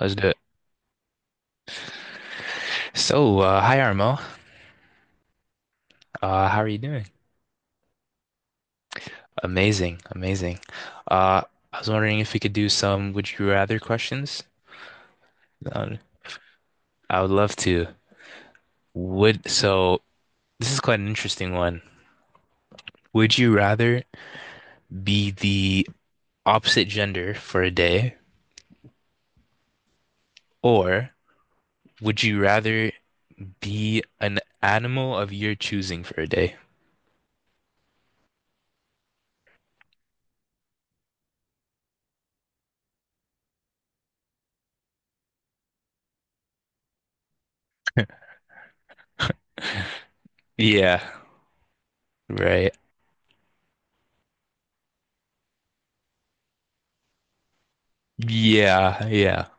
Let's do it. So, hi Armo. How are you doing? Amazing, amazing. Uh, I was wondering if we could do some would you rather questions. Uh, I would love to. Would so this is quite an interesting one. Would you rather be the opposite gender for a day, or would you rather be an animal of your choosing for a day? Yeah, right. Yeah, yeah.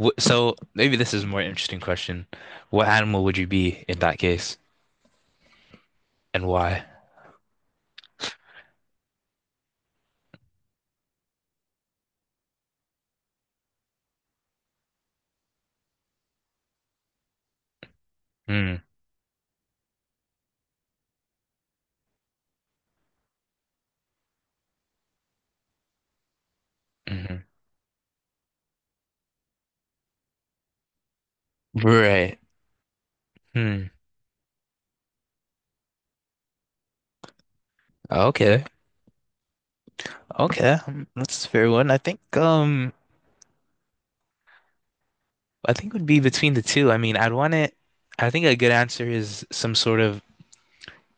So maybe this is a more interesting question. What animal would you be in that case, and why? Hmm. Hmm. Right. Hmm. Okay. Okay. That's a fair one. I think it would be between the two. I mean, I'd want it I think a good answer is some sort of,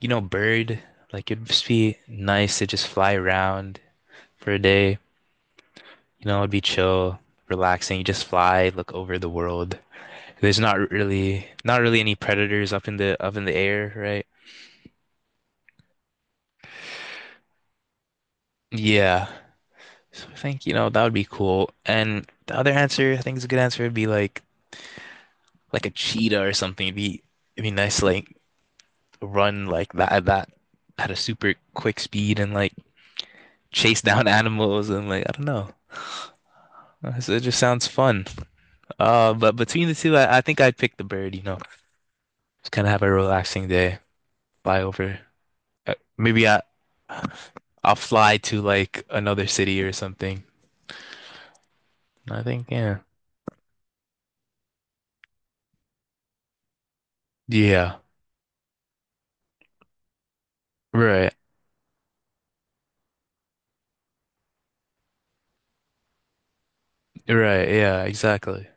bird. Like it'd just be nice to just fly around for a day. It'd be chill, relaxing. You just fly, look over the world. There's not really any predators up in the air, right? Yeah. So I think, that would be cool. And the other answer, I think is a good answer would be like a cheetah or something. It'd be nice to like run like that at a super quick speed and like chase down animals and like I don't know. It just sounds fun. But between the two, I think I'd pick the bird. Just kind of have a relaxing day, fly over. Maybe I'll fly to like another city or something. I think, yeah. Yeah. Right. Right, yeah, exactly.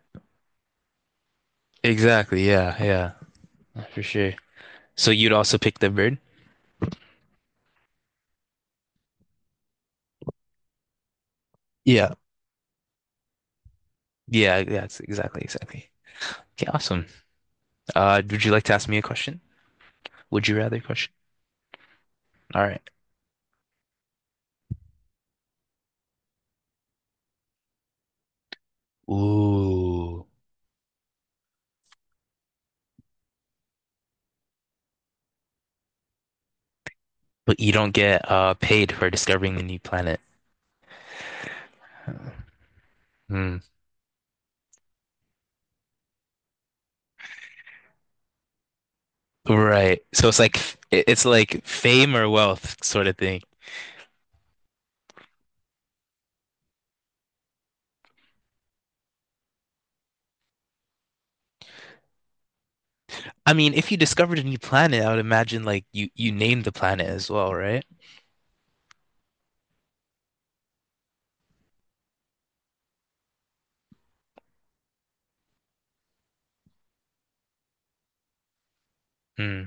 Exactly, yeah, yeah, for sure. So you'd also pick the bird? Yeah. Yeah, that's exactly, exactly. Okay, awesome. Would you like to ask me a question? Would you rather question? All right. Ooh. But you don't get paid for discovering the new planet. Hmm. Right. So it's like fame or wealth sort of thing. I mean, if you discovered a new planet, I would imagine like you named the planet as well, right? Hmm.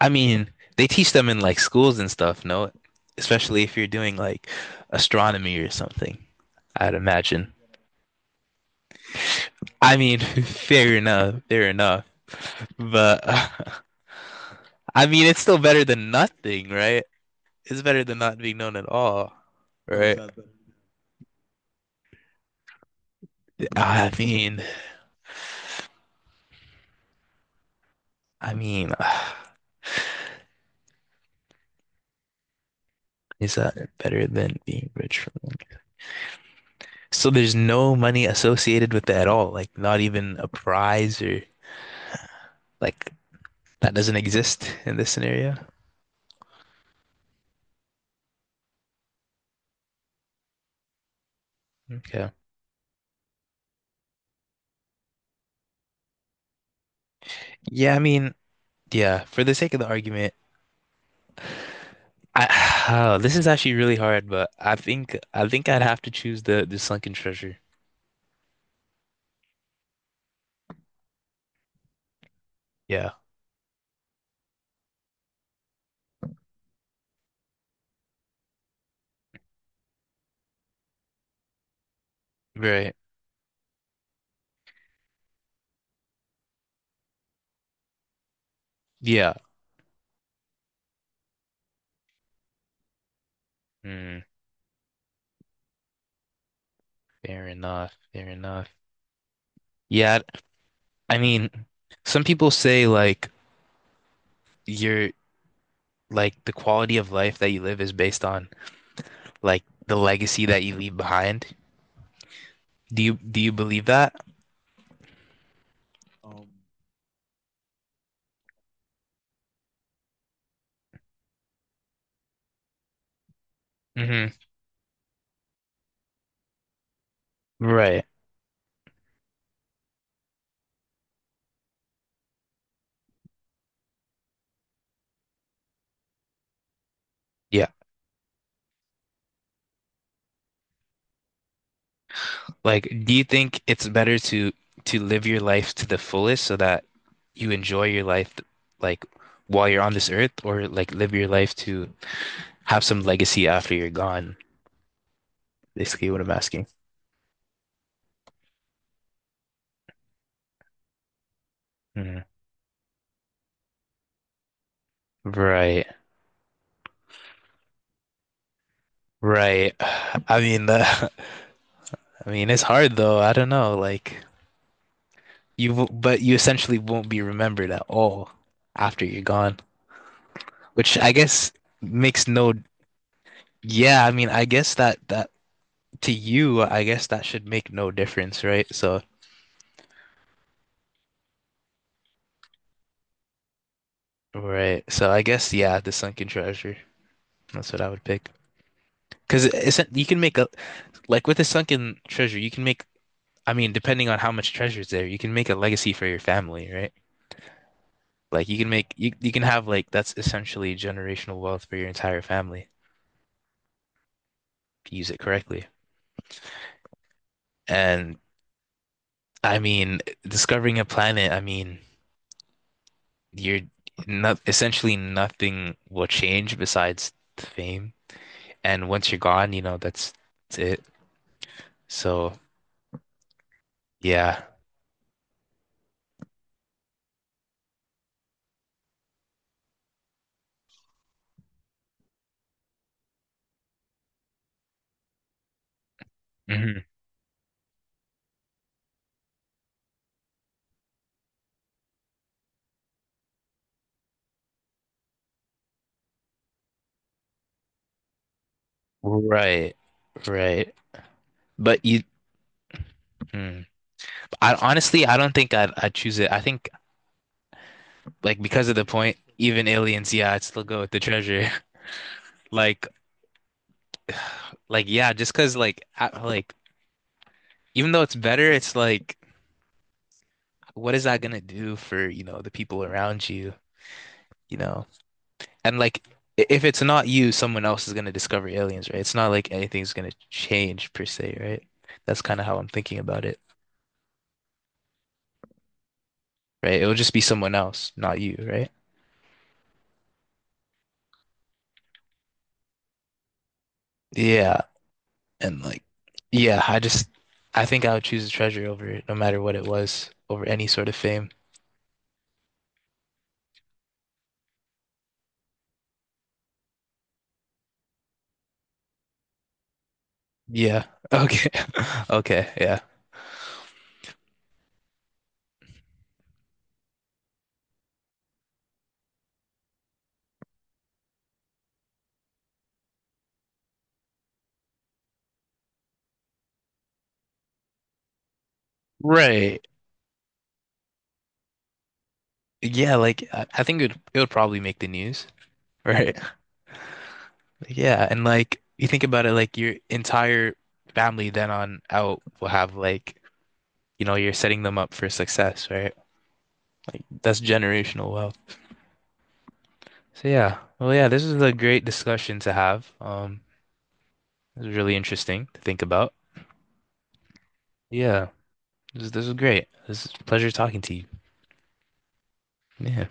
I mean, they teach them in like schools and stuff, no? Especially if you're doing like astronomy or something, I'd imagine. I mean, fair enough, fair enough. But I mean, it's still better than nothing, right? It's better than not being known at all. How right? Better? Than I nothing? Mean, I mean, is that better than being rich for one? So there's no money associated with that at all, like not even a prize or like that doesn't exist in this scenario. Okay. Yeah, I mean, yeah, for the sake of the argument, I this is actually really hard, but I think I'd have to choose the sunken treasure. Yeah. Right. Yeah. Mm, Fair enough. Fair enough. Yeah, I mean, some people say like your like the quality of life that you live is based on like the legacy that you leave behind. Do you believe that? Hmm. Right. Yeah. Like, do you think it's better to live your life to the fullest so that you enjoy your life like while you're on this earth, or like live your life to have some legacy after you're gone? Basically, what I'm asking. Mhm. Right, right. I mean, the I mean, it's hard though. I don't know. Like but you essentially won't be remembered at all after you're gone, which I guess makes no. Yeah, I mean, I guess that to you, I guess that should make no difference, right? So, right. So I guess yeah, the sunken treasure. That's what I would pick. Because isn't you can make a like with the sunken treasure, you can make. I mean, depending on how much treasure is there, you can make a legacy for your family, right? Like you can have like that's essentially generational wealth for your entire family if you use it correctly. And I mean, discovering a planet, I mean, you're not essentially nothing will change besides fame. And once you're gone, that's it. So yeah. Hmm. Right. Right. But you, mm. I honestly, I don't think I'd choose it. I think like because of the point, even aliens, yeah, I'd still go with the treasure. Like, like yeah, just because like like even though it's better, it's like what is that gonna do for the people around you? You know, And like, if it's not you, someone else is gonna discover aliens, right? It's not like anything's gonna change per se, right? That's kind of how I'm thinking about it, right? It'll just be someone else, not you, right? Yeah, and like, yeah, I think I would choose a treasure over it, no matter what it was, over any sort of fame. Yeah. Okay. Okay. Yeah. Right. Yeah. Like, I think it would probably make the news. Right. Yeah. And like, you think about it, like your entire family then on out will have like you're setting them up for success, right? Like that's generational wealth. So yeah, well, yeah, this is a great discussion to have. This is really interesting to think about. Yeah, this is great. This is a pleasure talking to you. Yeah.